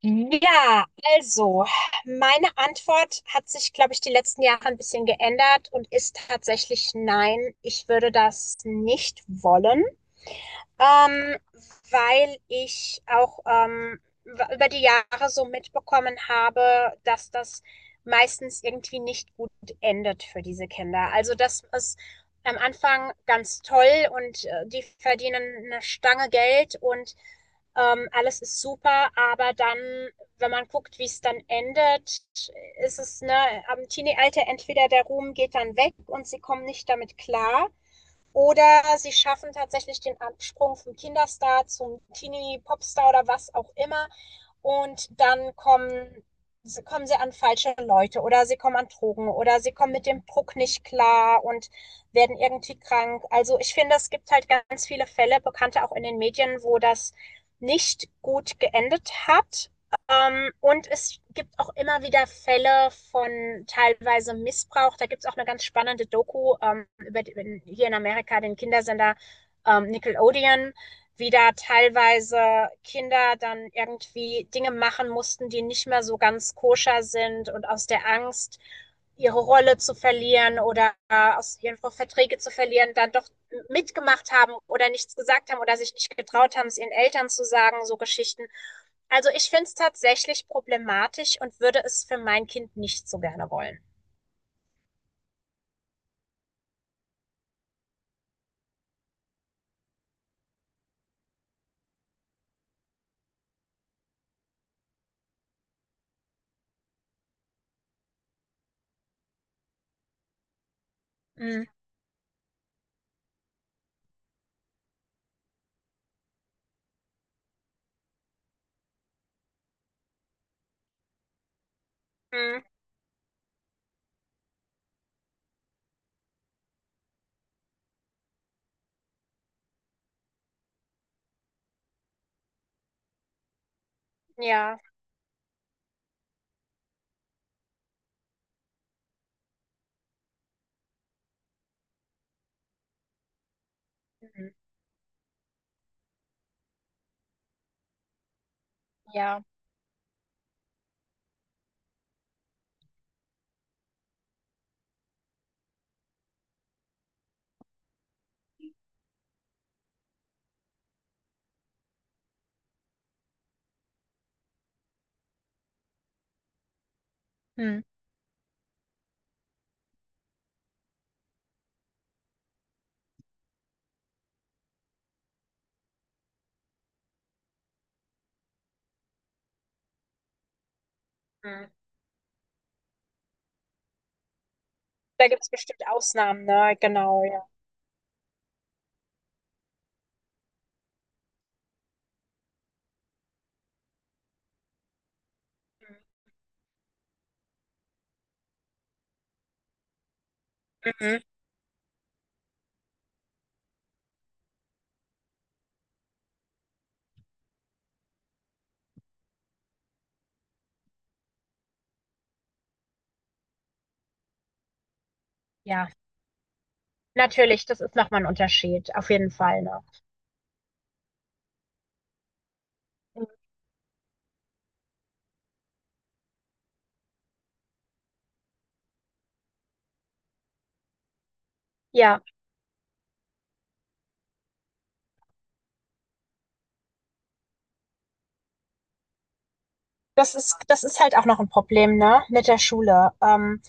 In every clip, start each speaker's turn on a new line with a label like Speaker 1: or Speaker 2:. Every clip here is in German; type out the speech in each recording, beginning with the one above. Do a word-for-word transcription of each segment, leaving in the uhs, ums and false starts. Speaker 1: Ja, also meine Antwort hat sich, glaube ich, die letzten Jahre ein bisschen geändert und ist tatsächlich nein, ich würde das nicht wollen. Ähm, Weil ich auch ähm, w- über die Jahre so mitbekommen habe, dass das meistens irgendwie nicht gut endet für diese Kinder. Also das ist am Anfang ganz toll und äh, die verdienen eine Stange Geld und ähm, alles ist super, aber dann, wenn man guckt, wie es dann endet, ist es, ne, am Teenie-Alter entweder der Ruhm geht dann weg und sie kommen nicht damit klar oder sie schaffen tatsächlich den Absprung vom Kinderstar zum Teenie-Popstar oder was auch immer und dann kommen, kommen sie an falsche Leute oder sie kommen an Drogen oder sie kommen mit dem Druck nicht klar und werden irgendwie krank. Also ich finde, es gibt halt ganz viele Fälle, bekannte auch in den Medien, wo das nicht gut geendet hat. Ähm, und es gibt auch immer wieder Fälle von teilweise Missbrauch. Da gibt es auch eine ganz spannende Doku ähm, über die, hier in Amerika den Kindersender ähm, Nickelodeon, wie da teilweise Kinder dann irgendwie Dinge machen mussten, die nicht mehr so ganz koscher sind und aus der Angst, ihre Rolle zu verlieren oder äh, aus ihren Verträge zu verlieren, dann doch mitgemacht haben oder nichts gesagt haben oder sich nicht getraut haben, es ihren Eltern zu sagen, so Geschichten. Also ich finde es tatsächlich problematisch und würde es für mein Kind nicht so gerne wollen. Mhm. Mhm. Ja. Mhm. Ja. Mhm. Mhm. Da gibt es bestimmt Ausnahmen, ne? Genau, ja. Mhm. Ja, natürlich, das ist nochmal ein Unterschied, auf jeden Fall, ne? Mhm. Ja, das ist, das ist halt auch noch ein Problem, ne, mit der Schule. Ähm,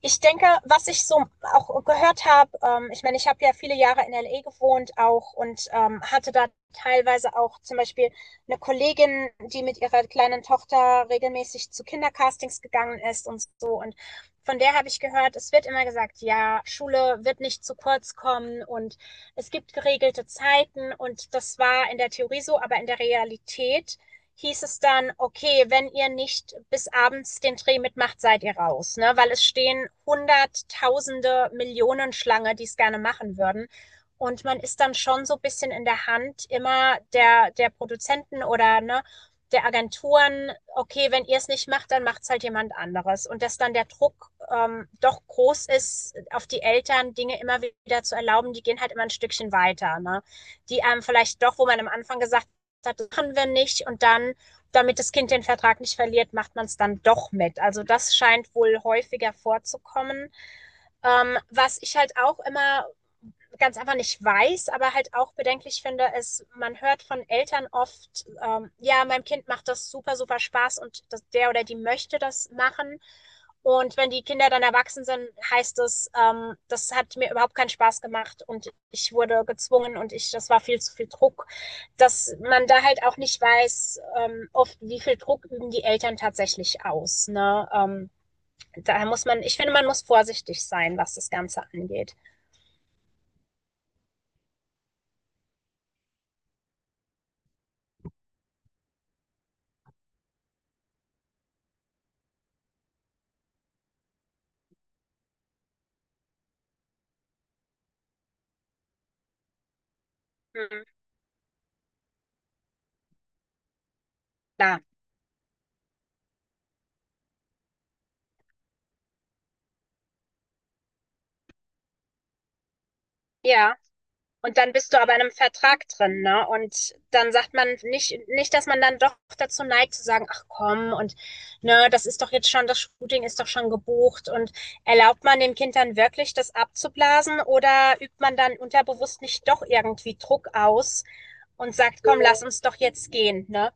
Speaker 1: Ich denke, was ich so auch gehört habe, ähm, ich meine, ich habe ja viele Jahre in L A gewohnt auch und ähm, hatte da teilweise auch zum Beispiel eine Kollegin, die mit ihrer kleinen Tochter regelmäßig zu Kindercastings gegangen ist und so. Und von der habe ich gehört, es wird immer gesagt, ja, Schule wird nicht zu kurz kommen und es gibt geregelte Zeiten und das war in der Theorie so, aber in der Realität hieß es dann, okay, wenn ihr nicht bis abends den Dreh mitmacht, seid ihr raus, ne? Weil es stehen Hunderttausende, Millionen Schlange, die es gerne machen würden. Und man ist dann schon so ein bisschen in der Hand immer der, der Produzenten oder ne, der Agenturen, okay, wenn ihr es nicht macht, dann macht es halt jemand anderes. Und dass dann der Druck ähm, doch groß ist, auf die Eltern Dinge immer wieder zu erlauben, die gehen halt immer ein Stückchen weiter. Ne? Die einem ähm, vielleicht doch, wo man am Anfang gesagt hat, das machen wir nicht. Und dann, damit das Kind den Vertrag nicht verliert, macht man es dann doch mit. Also das scheint wohl häufiger vorzukommen. Ähm, was ich halt auch immer ganz einfach nicht weiß, aber halt auch bedenklich finde, ist, man hört von Eltern oft, ähm, ja, meinem Kind macht das super, super Spaß und das, der oder die möchte das machen. Und wenn die Kinder dann erwachsen sind, heißt es, ähm, das hat mir überhaupt keinen Spaß gemacht und ich wurde gezwungen und ich, das war viel zu viel Druck, dass man da halt auch nicht weiß, ähm, oft wie viel Druck üben die Eltern tatsächlich aus. Ne? Ähm, daher muss man, ich finde, man muss vorsichtig sein, was das Ganze angeht. Klar, ja. Und dann bist du aber in einem Vertrag drin, ne? Und dann sagt man nicht nicht, dass man dann doch dazu neigt zu sagen: „Ach komm und ne, das ist doch jetzt schon das Shooting ist doch schon gebucht.“ Und erlaubt man dem Kind dann wirklich, das abzublasen oder übt man dann unterbewusst nicht doch irgendwie Druck aus und sagt: „Komm, lass uns doch jetzt gehen“, ne?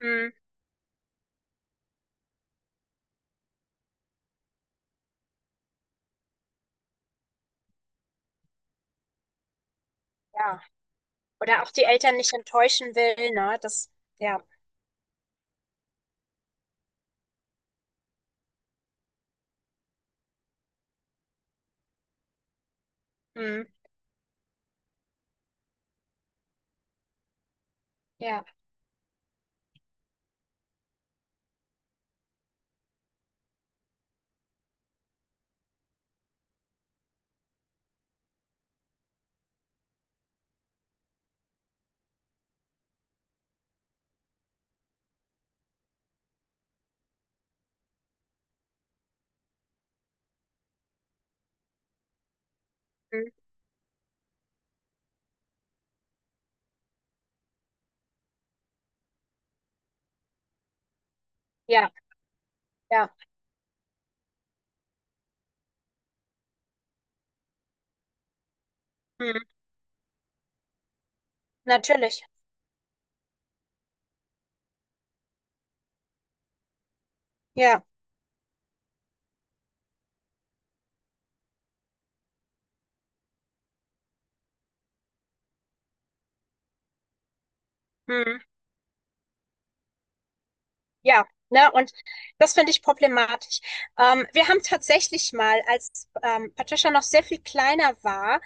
Speaker 1: Mhm, ja. Oder auch die Eltern nicht enttäuschen will, ne? Das ja, mhm, ja, mhm, ja. Ja, mhm. Natürlich. Ja, mhm. Ja, ne, und das finde ich problematisch. Ähm, wir haben tatsächlich mal, als ähm, Patricia noch sehr viel kleiner war,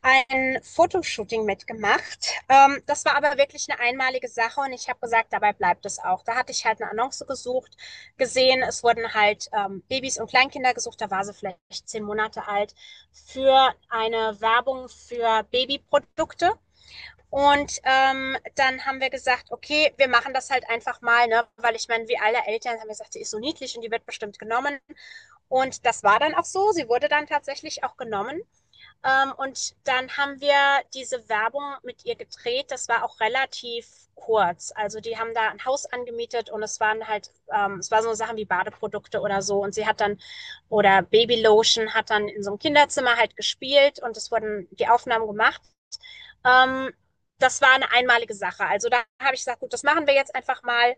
Speaker 1: ein Fotoshooting mitgemacht. Ähm, das war aber wirklich eine einmalige Sache und ich habe gesagt, dabei bleibt es auch. Da hatte ich halt eine Annonce gesucht, gesehen, es wurden halt ähm, Babys und Kleinkinder gesucht, da war sie vielleicht zehn Monate alt, für eine Werbung für Babyprodukte. Und ähm, dann haben wir gesagt, okay, wir machen das halt einfach mal, ne? Weil ich meine, wie alle Eltern haben wir gesagt, die ist so niedlich und die wird bestimmt genommen. Und das war dann auch so, sie wurde dann tatsächlich auch genommen. Ähm, und dann haben wir diese Werbung mit ihr gedreht, das war auch relativ kurz. Also die haben da ein Haus angemietet und es waren halt, ähm, es waren so Sachen wie Badeprodukte oder so. Und sie hat dann, oder Babylotion hat dann in so einem Kinderzimmer halt gespielt und es wurden die Aufnahmen gemacht. Ähm, Das war eine einmalige Sache. Also da habe ich gesagt, gut, das machen wir jetzt einfach mal.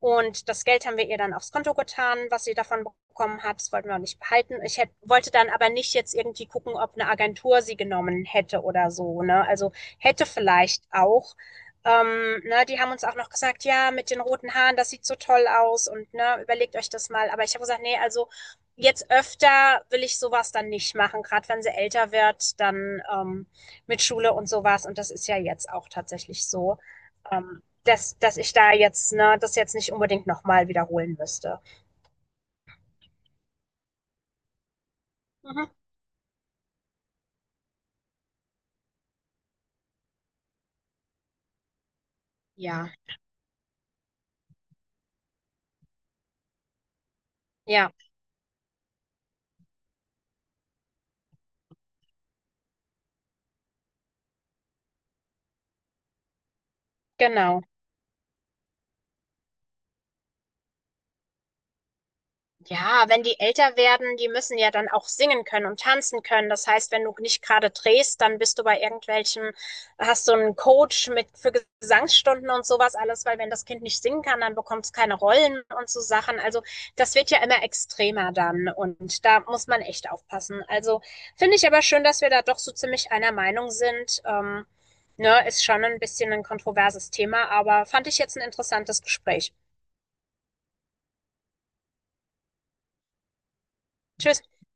Speaker 1: Und das Geld haben wir ihr dann aufs Konto getan, was sie davon bekommen hat. Das wollten wir auch nicht behalten. Ich hätte, wollte dann aber nicht jetzt irgendwie gucken, ob eine Agentur sie genommen hätte oder so. Ne? Also hätte vielleicht auch. Ähm, ne, die haben uns auch noch gesagt, ja, mit den roten Haaren, das sieht so toll aus und ne, überlegt euch das mal. Aber ich habe gesagt, nee, also jetzt öfter will ich sowas dann nicht machen. Gerade wenn sie älter wird, dann ähm, mit Schule und sowas. Und das ist ja jetzt auch tatsächlich so, ähm, dass, dass ich da jetzt, ne, das jetzt nicht unbedingt nochmal wiederholen müsste. Mhm. Ja, ja, genau. Ja, wenn die älter werden, die müssen ja dann auch singen können und tanzen können. Das heißt, wenn du nicht gerade drehst, dann bist du bei irgendwelchen, hast du einen Coach mit für Gesangsstunden und sowas alles, weil wenn das Kind nicht singen kann, dann bekommt es keine Rollen und so Sachen. Also das wird ja immer extremer dann und da muss man echt aufpassen. Also finde ich aber schön, dass wir da doch so ziemlich einer Meinung sind. Ähm, ne, ist schon ein bisschen ein kontroverses Thema, aber fand ich jetzt ein interessantes Gespräch. Tschüss.